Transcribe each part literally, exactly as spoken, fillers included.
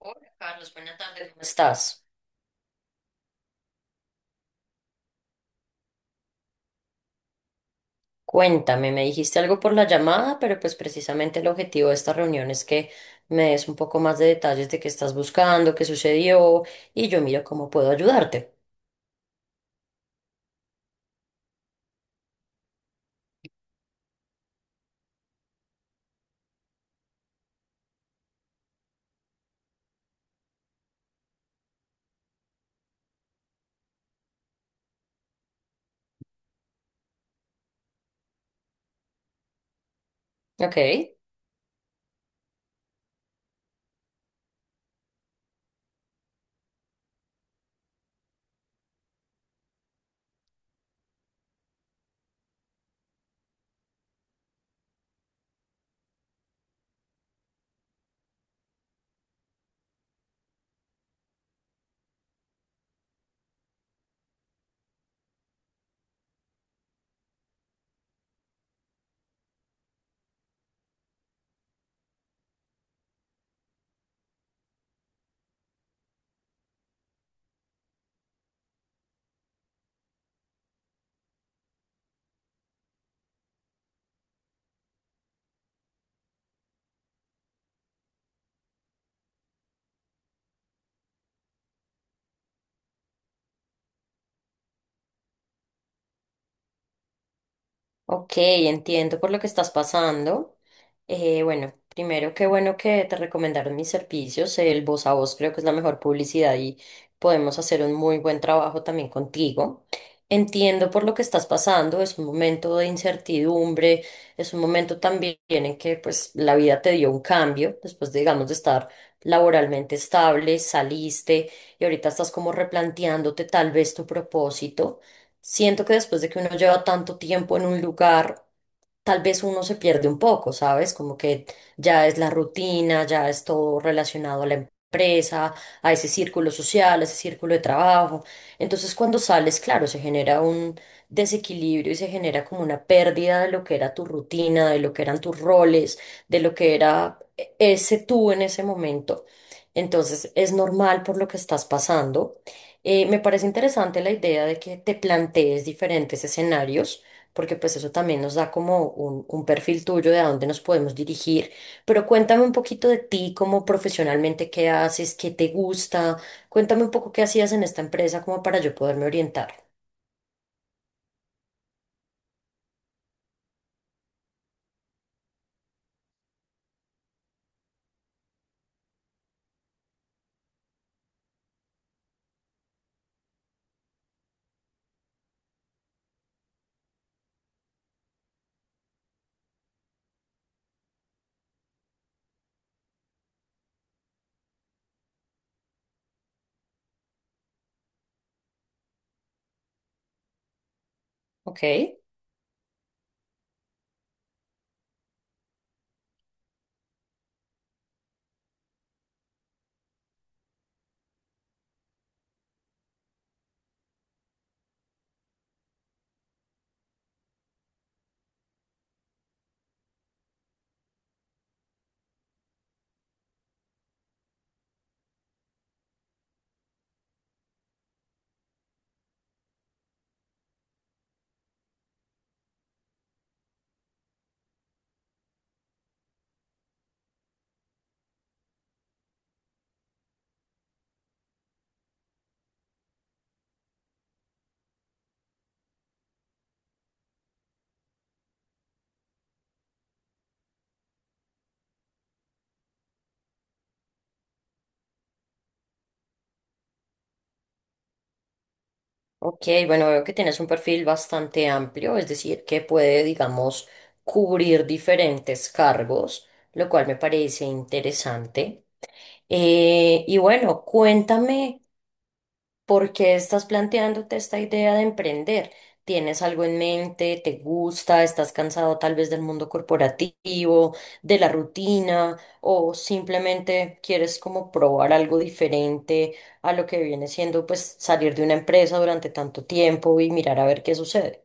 Hola Carlos, buenas tardes, ¿cómo estás? Cuéntame, me dijiste algo por la llamada, pero pues precisamente el objetivo de esta reunión es que me des un poco más de detalles de qué estás buscando, qué sucedió y yo miro cómo puedo ayudarte. ¿Ok? Ok, entiendo por lo que estás pasando. Eh, bueno, primero, qué bueno que te recomendaron mis servicios. El voz a voz creo que es la mejor publicidad y podemos hacer un muy buen trabajo también contigo. Entiendo por lo que estás pasando. Es un momento de incertidumbre, es un momento también en que pues la vida te dio un cambio después, digamos, de estar laboralmente estable, saliste y ahorita estás como replanteándote tal vez tu propósito. Siento que después de que uno lleva tanto tiempo en un lugar, tal vez uno se pierde un poco, ¿sabes? Como que ya es la rutina, ya es todo relacionado a la empresa, a ese círculo social, a ese círculo de trabajo. Entonces, cuando sales, claro, se genera un desequilibrio y se genera como una pérdida de lo que era tu rutina, de lo que eran tus roles, de lo que era e- ese tú en ese momento. Entonces, es normal por lo que estás pasando. Eh, me parece interesante la idea de que te plantees diferentes escenarios, porque pues eso también nos da como un, un perfil tuyo de a dónde nos podemos dirigir. Pero cuéntame un poquito de ti, como profesionalmente, qué haces, qué te gusta. Cuéntame un poco qué hacías en esta empresa como para yo poderme orientar. Ok, ok, bueno, veo que tienes un perfil bastante amplio, es decir, que puede, digamos, cubrir diferentes cargos, lo cual me parece interesante. Eh, y bueno, cuéntame. ¿Por qué estás planteándote esta idea de emprender? ¿Tienes algo en mente? ¿Te gusta? ¿Estás cansado tal vez del mundo corporativo, de la rutina? ¿O simplemente quieres como probar algo diferente a lo que viene siendo pues salir de una empresa durante tanto tiempo y mirar a ver qué sucede?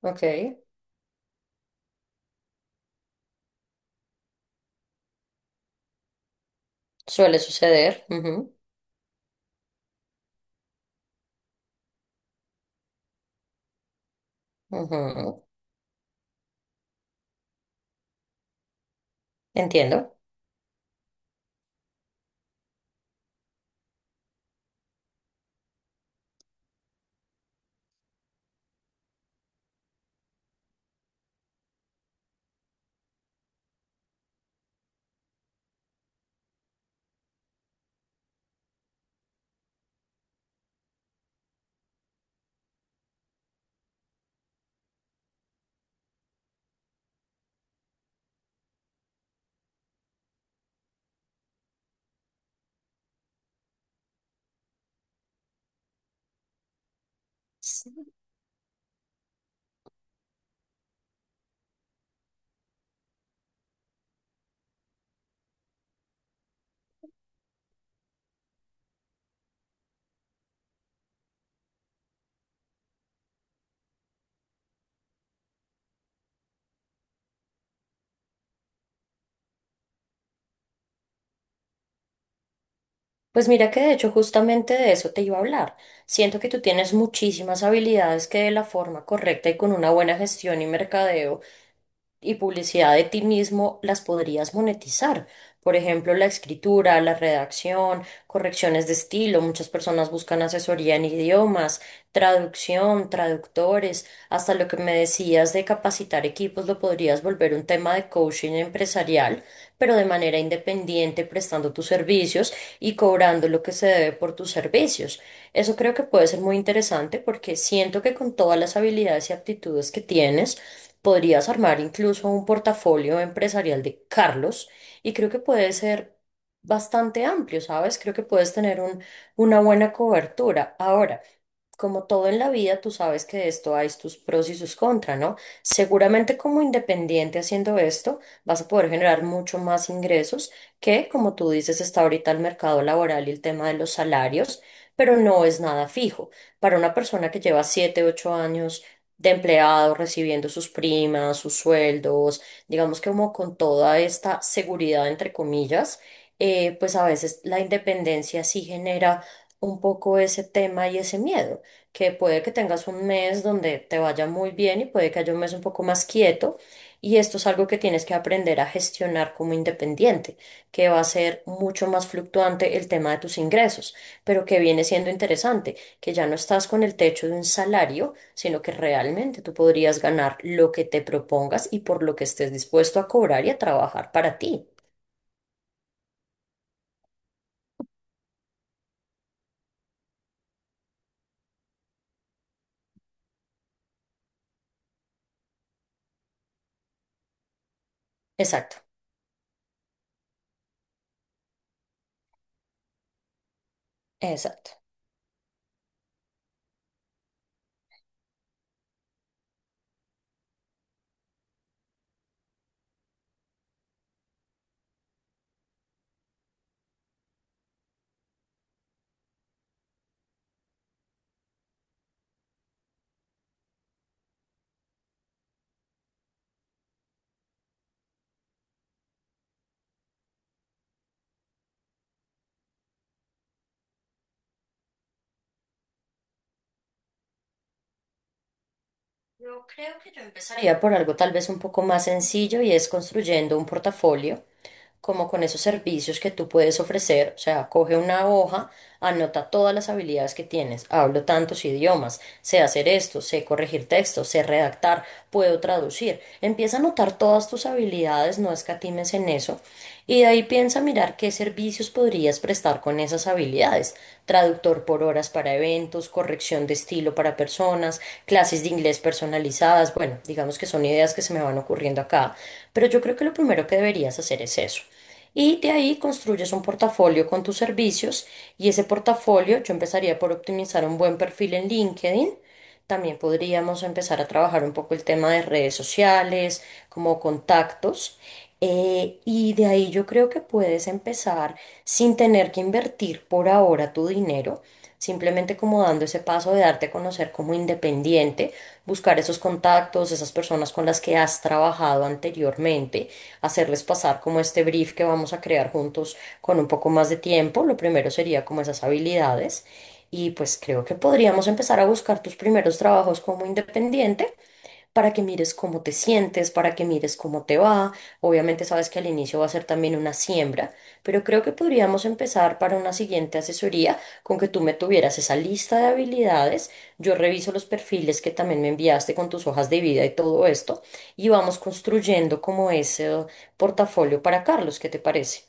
Ok, suele suceder. Ujú, ujú. Entiendo. Pues mira que de hecho justamente de eso te iba a hablar. Siento que tú tienes muchísimas habilidades que de la forma correcta y con una buena gestión y mercadeo y publicidad de ti mismo las podrías monetizar. Por ejemplo, la escritura, la redacción, correcciones de estilo. Muchas personas buscan asesoría en idiomas, traducción, traductores. Hasta lo que me decías de capacitar equipos lo podrías volver un tema de coaching empresarial, pero de manera independiente, prestando tus servicios y cobrando lo que se debe por tus servicios. Eso creo que puede ser muy interesante porque siento que con todas las habilidades y aptitudes que tienes, podrías armar incluso un portafolio empresarial de Carlos y creo que puede ser bastante amplio, ¿sabes? Creo que puedes tener un, una buena cobertura. Ahora, como todo en la vida, tú sabes que de esto hay tus pros y sus contras, ¿no? Seguramente como independiente haciendo esto, vas a poder generar mucho más ingresos que, como tú dices, está ahorita el mercado laboral y el tema de los salarios, pero no es nada fijo. Para una persona que lleva siete u ocho años de empleado, recibiendo sus primas, sus sueldos, digamos que como con toda esta seguridad, entre comillas, eh, pues a veces la independencia sí genera un poco ese tema y ese miedo, que puede que tengas un mes donde te vaya muy bien y puede que haya un mes un poco más quieto. Y esto es algo que tienes que aprender a gestionar como independiente, que va a ser mucho más fluctuante el tema de tus ingresos, pero que viene siendo interesante, que ya no estás con el techo de un salario, sino que realmente tú podrías ganar lo que te propongas y por lo que estés dispuesto a cobrar y a trabajar para ti. Exacto, exacto. Yo creo que yo empezaría por algo tal vez un poco más sencillo y es construyendo un portafolio, como con esos servicios que tú puedes ofrecer. O sea, coge una hoja, anota todas las habilidades que tienes. Hablo tantos idiomas, sé hacer esto, sé corregir textos, sé redactar, puedo traducir. Empieza a anotar todas tus habilidades, no escatimes en eso. Y de ahí piensa mirar qué servicios podrías prestar con esas habilidades. Traductor por horas para eventos, corrección de estilo para personas, clases de inglés personalizadas. Bueno, digamos que son ideas que se me van ocurriendo acá. Pero yo creo que lo primero que deberías hacer es eso. Y de ahí construyes un portafolio con tus servicios y ese portafolio yo empezaría por optimizar un buen perfil en LinkedIn. También podríamos empezar a trabajar un poco el tema de redes sociales, como contactos. eh, y de ahí yo creo que puedes empezar sin tener que invertir por ahora tu dinero, simplemente como dando ese paso de darte a conocer como independiente, buscar esos contactos, esas personas con las que has trabajado anteriormente, hacerles pasar como este brief que vamos a crear juntos con un poco más de tiempo. Lo primero sería como esas habilidades. Y pues creo que podríamos empezar a buscar tus primeros trabajos como independiente para que mires cómo te sientes, para que mires cómo te va. Obviamente sabes que al inicio va a ser también una siembra, pero creo que podríamos empezar para una siguiente asesoría con que tú me tuvieras esa lista de habilidades. Yo reviso los perfiles que también me enviaste con tus hojas de vida y todo esto y vamos construyendo como ese portafolio para Carlos. ¿Qué te parece?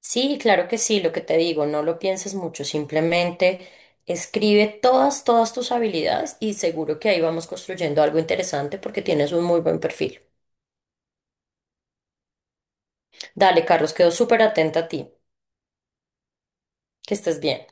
Sí, claro que sí, lo que te digo, no lo pienses mucho, simplemente escribe todas, todas tus habilidades y seguro que ahí vamos construyendo algo interesante porque tienes un muy buen perfil. Dale, Carlos, quedo súper atenta a ti. Que estés bien.